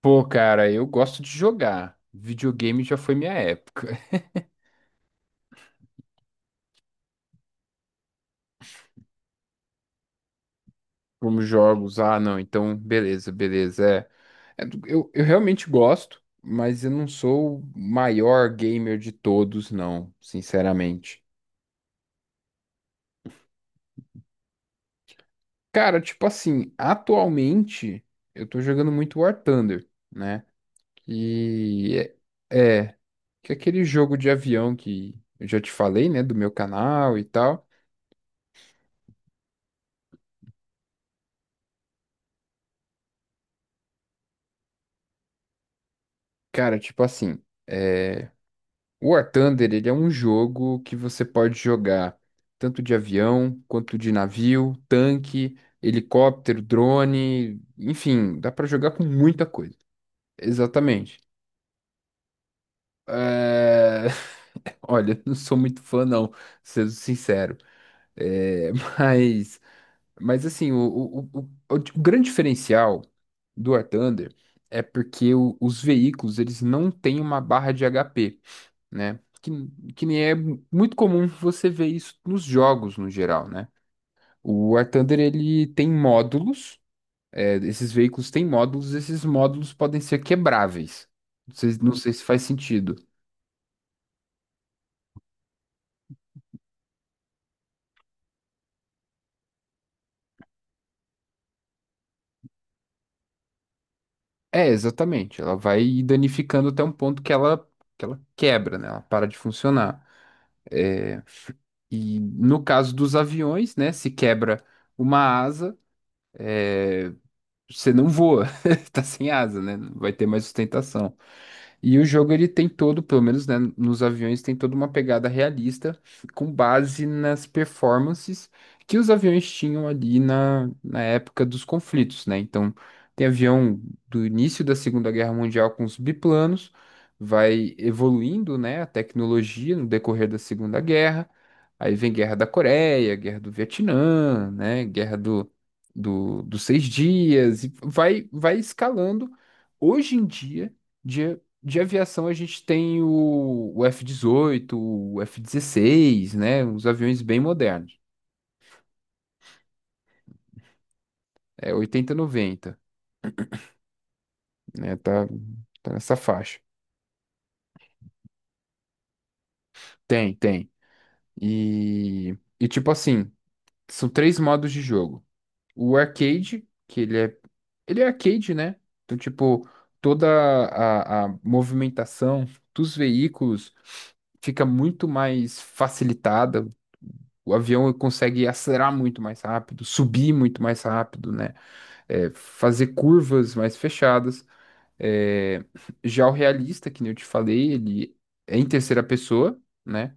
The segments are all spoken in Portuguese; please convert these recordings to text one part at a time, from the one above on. Pô, cara, eu gosto de jogar. Videogame já foi minha época. Como jogos, ah, não, então beleza, beleza. É, eu realmente gosto, mas eu não sou o maior gamer de todos, não, sinceramente. Cara, tipo assim, atualmente eu tô jogando muito War Thunder, né? Que é, é, que é aquele jogo de avião que eu já te falei, né, do meu canal e tal. Cara, tipo assim. é, O War Thunder, ele é um jogo que você pode jogar tanto de avião, quanto de navio, tanque, helicóptero, drone, enfim, dá pra jogar com muita coisa. Exatamente. É, olha, não sou muito fã não, sendo sincero. É, Mas, mas assim, o grande diferencial do War Thunder é porque os veículos, eles não têm uma barra de HP. Né? Que nem é muito comum você ver isso nos jogos no geral, né? O War Thunder, ele tem módulos, esses veículos têm módulos, esses módulos podem ser quebráveis. Não sei, não sei se faz sentido. É, exatamente, ela vai danificando até um ponto que ela quebra, né? Ela para de funcionar. É, e no caso dos aviões, né, se quebra uma asa, é, você não voa, tá sem asa, né? Não vai ter mais sustentação. E o jogo ele tem todo, pelo menos, né, nos aviões tem toda uma pegada realista com base nas performances que os aviões tinham ali na época dos conflitos, né? Então, tem avião do início da Segunda Guerra Mundial com os biplanos, vai evoluindo, né, a tecnologia no decorrer da Segunda Guerra. Aí vem Guerra da Coreia, Guerra do Vietnã, né? Guerra dos Seis Dias, e vai escalando. Hoje em dia, de aviação, a gente tem o F-18, o F-16, né? Os aviões bem modernos. É oitenta, noventa, né? Tá, tá nessa faixa. Tem, tem. E tipo assim, são três modos de jogo. O arcade, que ele é arcade, né? Então, tipo, toda a movimentação dos veículos fica muito mais facilitada. O avião consegue acelerar muito mais rápido, subir muito mais rápido, né? É, fazer curvas mais fechadas. É, já o realista, que nem eu te falei, ele é em terceira pessoa, né?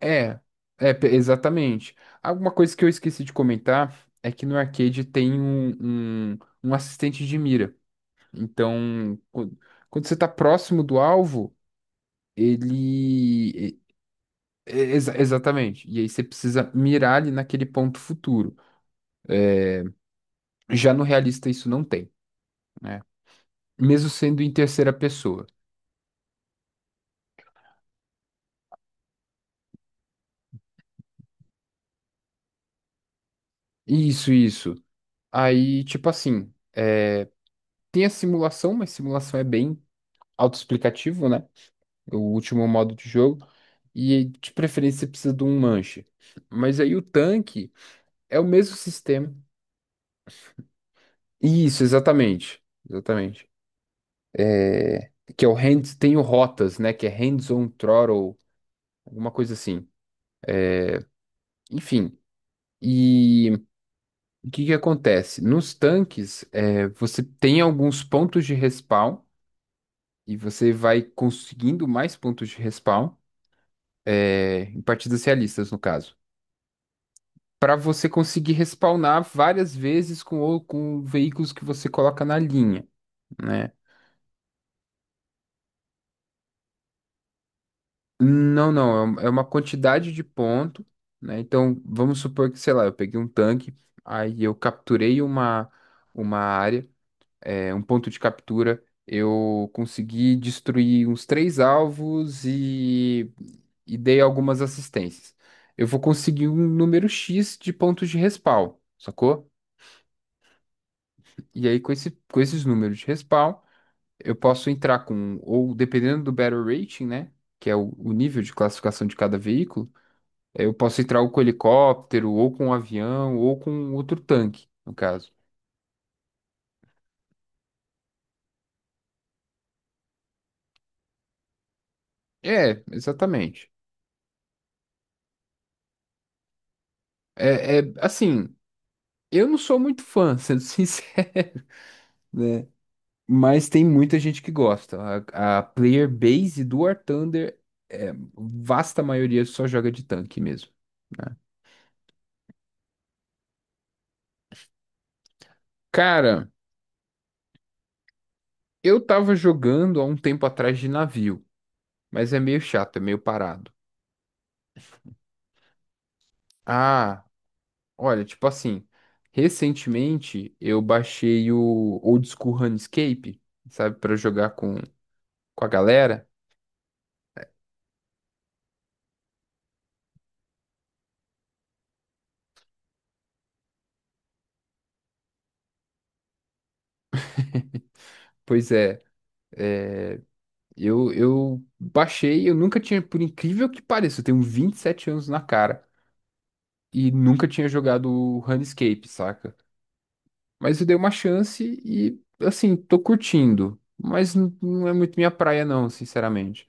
É, é, exatamente. Alguma coisa que eu esqueci de comentar é que no arcade tem um assistente de mira. Então, quando você tá próximo do alvo, ele. e- exatamente. E aí você precisa mirar ali naquele ponto futuro. Já no realista isso não tem, né? Mesmo sendo em terceira pessoa. Isso, isso. Aí, tipo assim. Tem a simulação, mas simulação é bem autoexplicativo, né? O último modo de jogo. E de preferência você precisa de um manche. Mas aí o tanque é o mesmo sistema. Isso, exatamente. Exatamente. Que é o hands, tem o rotas, né? Que é hands-on throttle, alguma coisa assim. Enfim. E o que que acontece? Nos tanques, você tem alguns pontos de respawn e você vai conseguindo mais pontos de respawn, em partidas realistas, no caso, para você conseguir respawnar várias vezes com, com veículos que você coloca na linha. Né? Não, não, é uma quantidade de ponto, né? Então, vamos supor que, sei lá, eu peguei um tanque, aí eu capturei uma área, um ponto de captura, eu consegui destruir uns três alvos e dei algumas assistências. Eu vou conseguir um número X de pontos de respawn, sacou? E aí, com esses números de respawn, eu posso entrar ou dependendo do Battle Rating, né? Que é o nível de classificação de cada veículo. Eu posso entrar ou com helicóptero, ou com um avião, ou com outro tanque, no caso. É, exatamente. É, é assim, eu não sou muito fã, sendo sincero, né? Mas tem muita gente que gosta. A player base do War Thunder, vasta maioria só joga de tanque mesmo, né? Cara, eu tava jogando há um tempo atrás de navio, mas é meio chato, é meio parado. Ah, olha, tipo assim, recentemente eu baixei o Old School RuneScape, sabe, pra jogar com a galera. Pois é, eu baixei, eu nunca tinha, por incrível que pareça, eu tenho 27 anos na cara e nunca tinha jogado o RuneScape, saca? Mas eu dei uma chance e, assim, tô curtindo, mas não é muito minha praia não, sinceramente.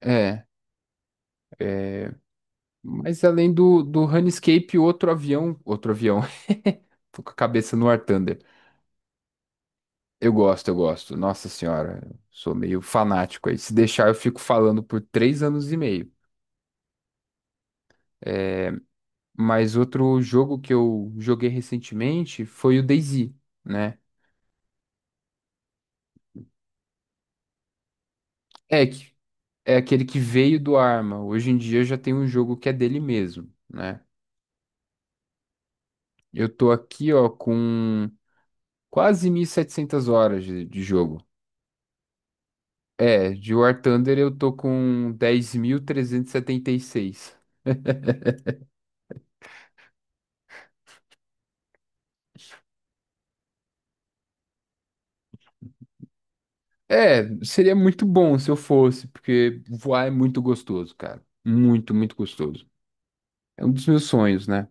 É. É. Mas além do Runescape, outro avião. Outro avião. Tô com a cabeça no War Thunder. Eu gosto, eu gosto. Nossa senhora, eu sou meio fanático aí. Se deixar, eu fico falando por 3 anos e meio. Mas outro jogo que eu joguei recentemente foi o DayZ, né? É, é aquele que veio do Arma. Hoje em dia já tem um jogo que é dele mesmo, né? Eu tô aqui, ó, com quase 1.700 horas de jogo. É, de War Thunder eu tô com dez mil trezentos e setenta e seis. É, seria muito bom se eu fosse, porque voar é muito gostoso, cara. Muito, muito gostoso. É um dos meus sonhos, né?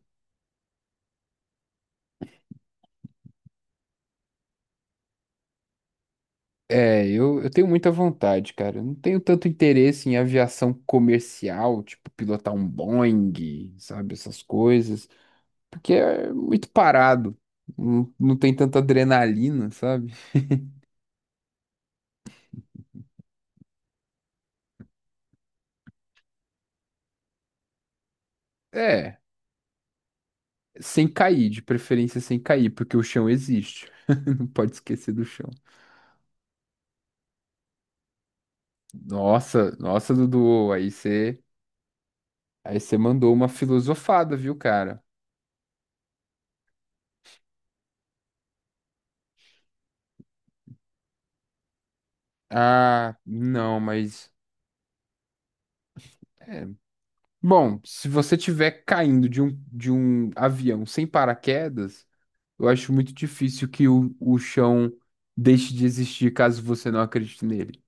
É, eu tenho muita vontade, cara. Eu não tenho tanto interesse em aviação comercial, tipo pilotar um Boeing, sabe, essas coisas, porque é muito parado. Não, não tem tanta adrenalina, sabe? É. Sem cair, de preferência sem cair, porque o chão existe. Não pode esquecer do chão. Nossa, nossa, Dudu, aí você mandou uma filosofada, viu, cara? Ah, não, mas é. Bom, se você tiver caindo de um avião sem paraquedas, eu acho muito difícil que o chão deixe de existir caso você não acredite nele.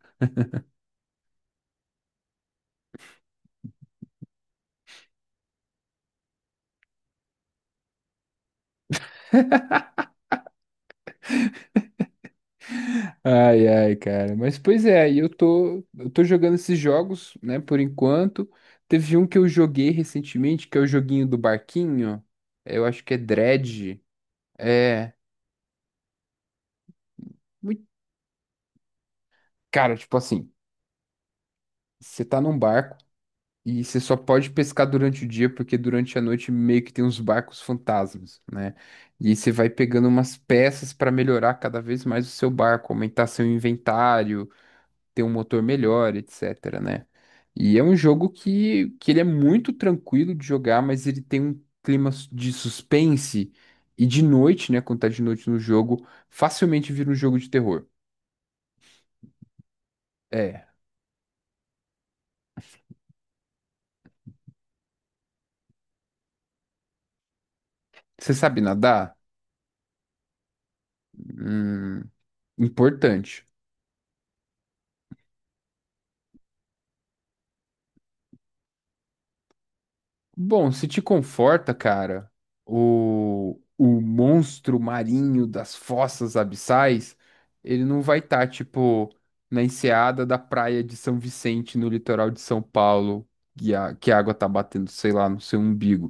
Ai, ai, cara. Mas pois é, aí eu tô jogando esses jogos, né, por enquanto. Teve um que eu joguei recentemente, que é o joguinho do barquinho. Eu acho que é Dredge. É, muito, cara, tipo assim, você tá num barco e você só pode pescar durante o dia, porque durante a noite meio que tem uns barcos fantasmas, né? E aí você vai pegando umas peças pra melhorar cada vez mais o seu barco, aumentar seu inventário, ter um motor melhor, etc., né? E é um jogo que ele é muito tranquilo de jogar, mas ele tem um clima de suspense e de noite, né? Quando tá de noite no jogo, facilmente vira um jogo de terror. É. Você sabe nadar? Hum, importante. Bom, se te conforta, cara, o monstro marinho das fossas abissais, ele não vai estar, tipo, na enseada da praia de São Vicente, no litoral de São Paulo, que a água tá batendo, sei lá, no seu umbigo.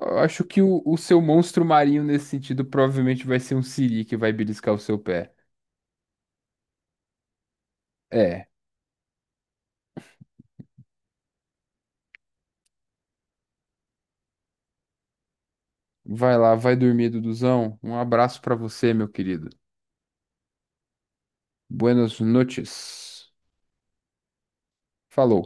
Eu acho que o seu monstro marinho, nesse sentido, provavelmente vai ser um siri que vai beliscar o seu pé. É, vai lá, vai dormir, Duduzão. Um abraço pra você, meu querido. Buenas noches. Falou.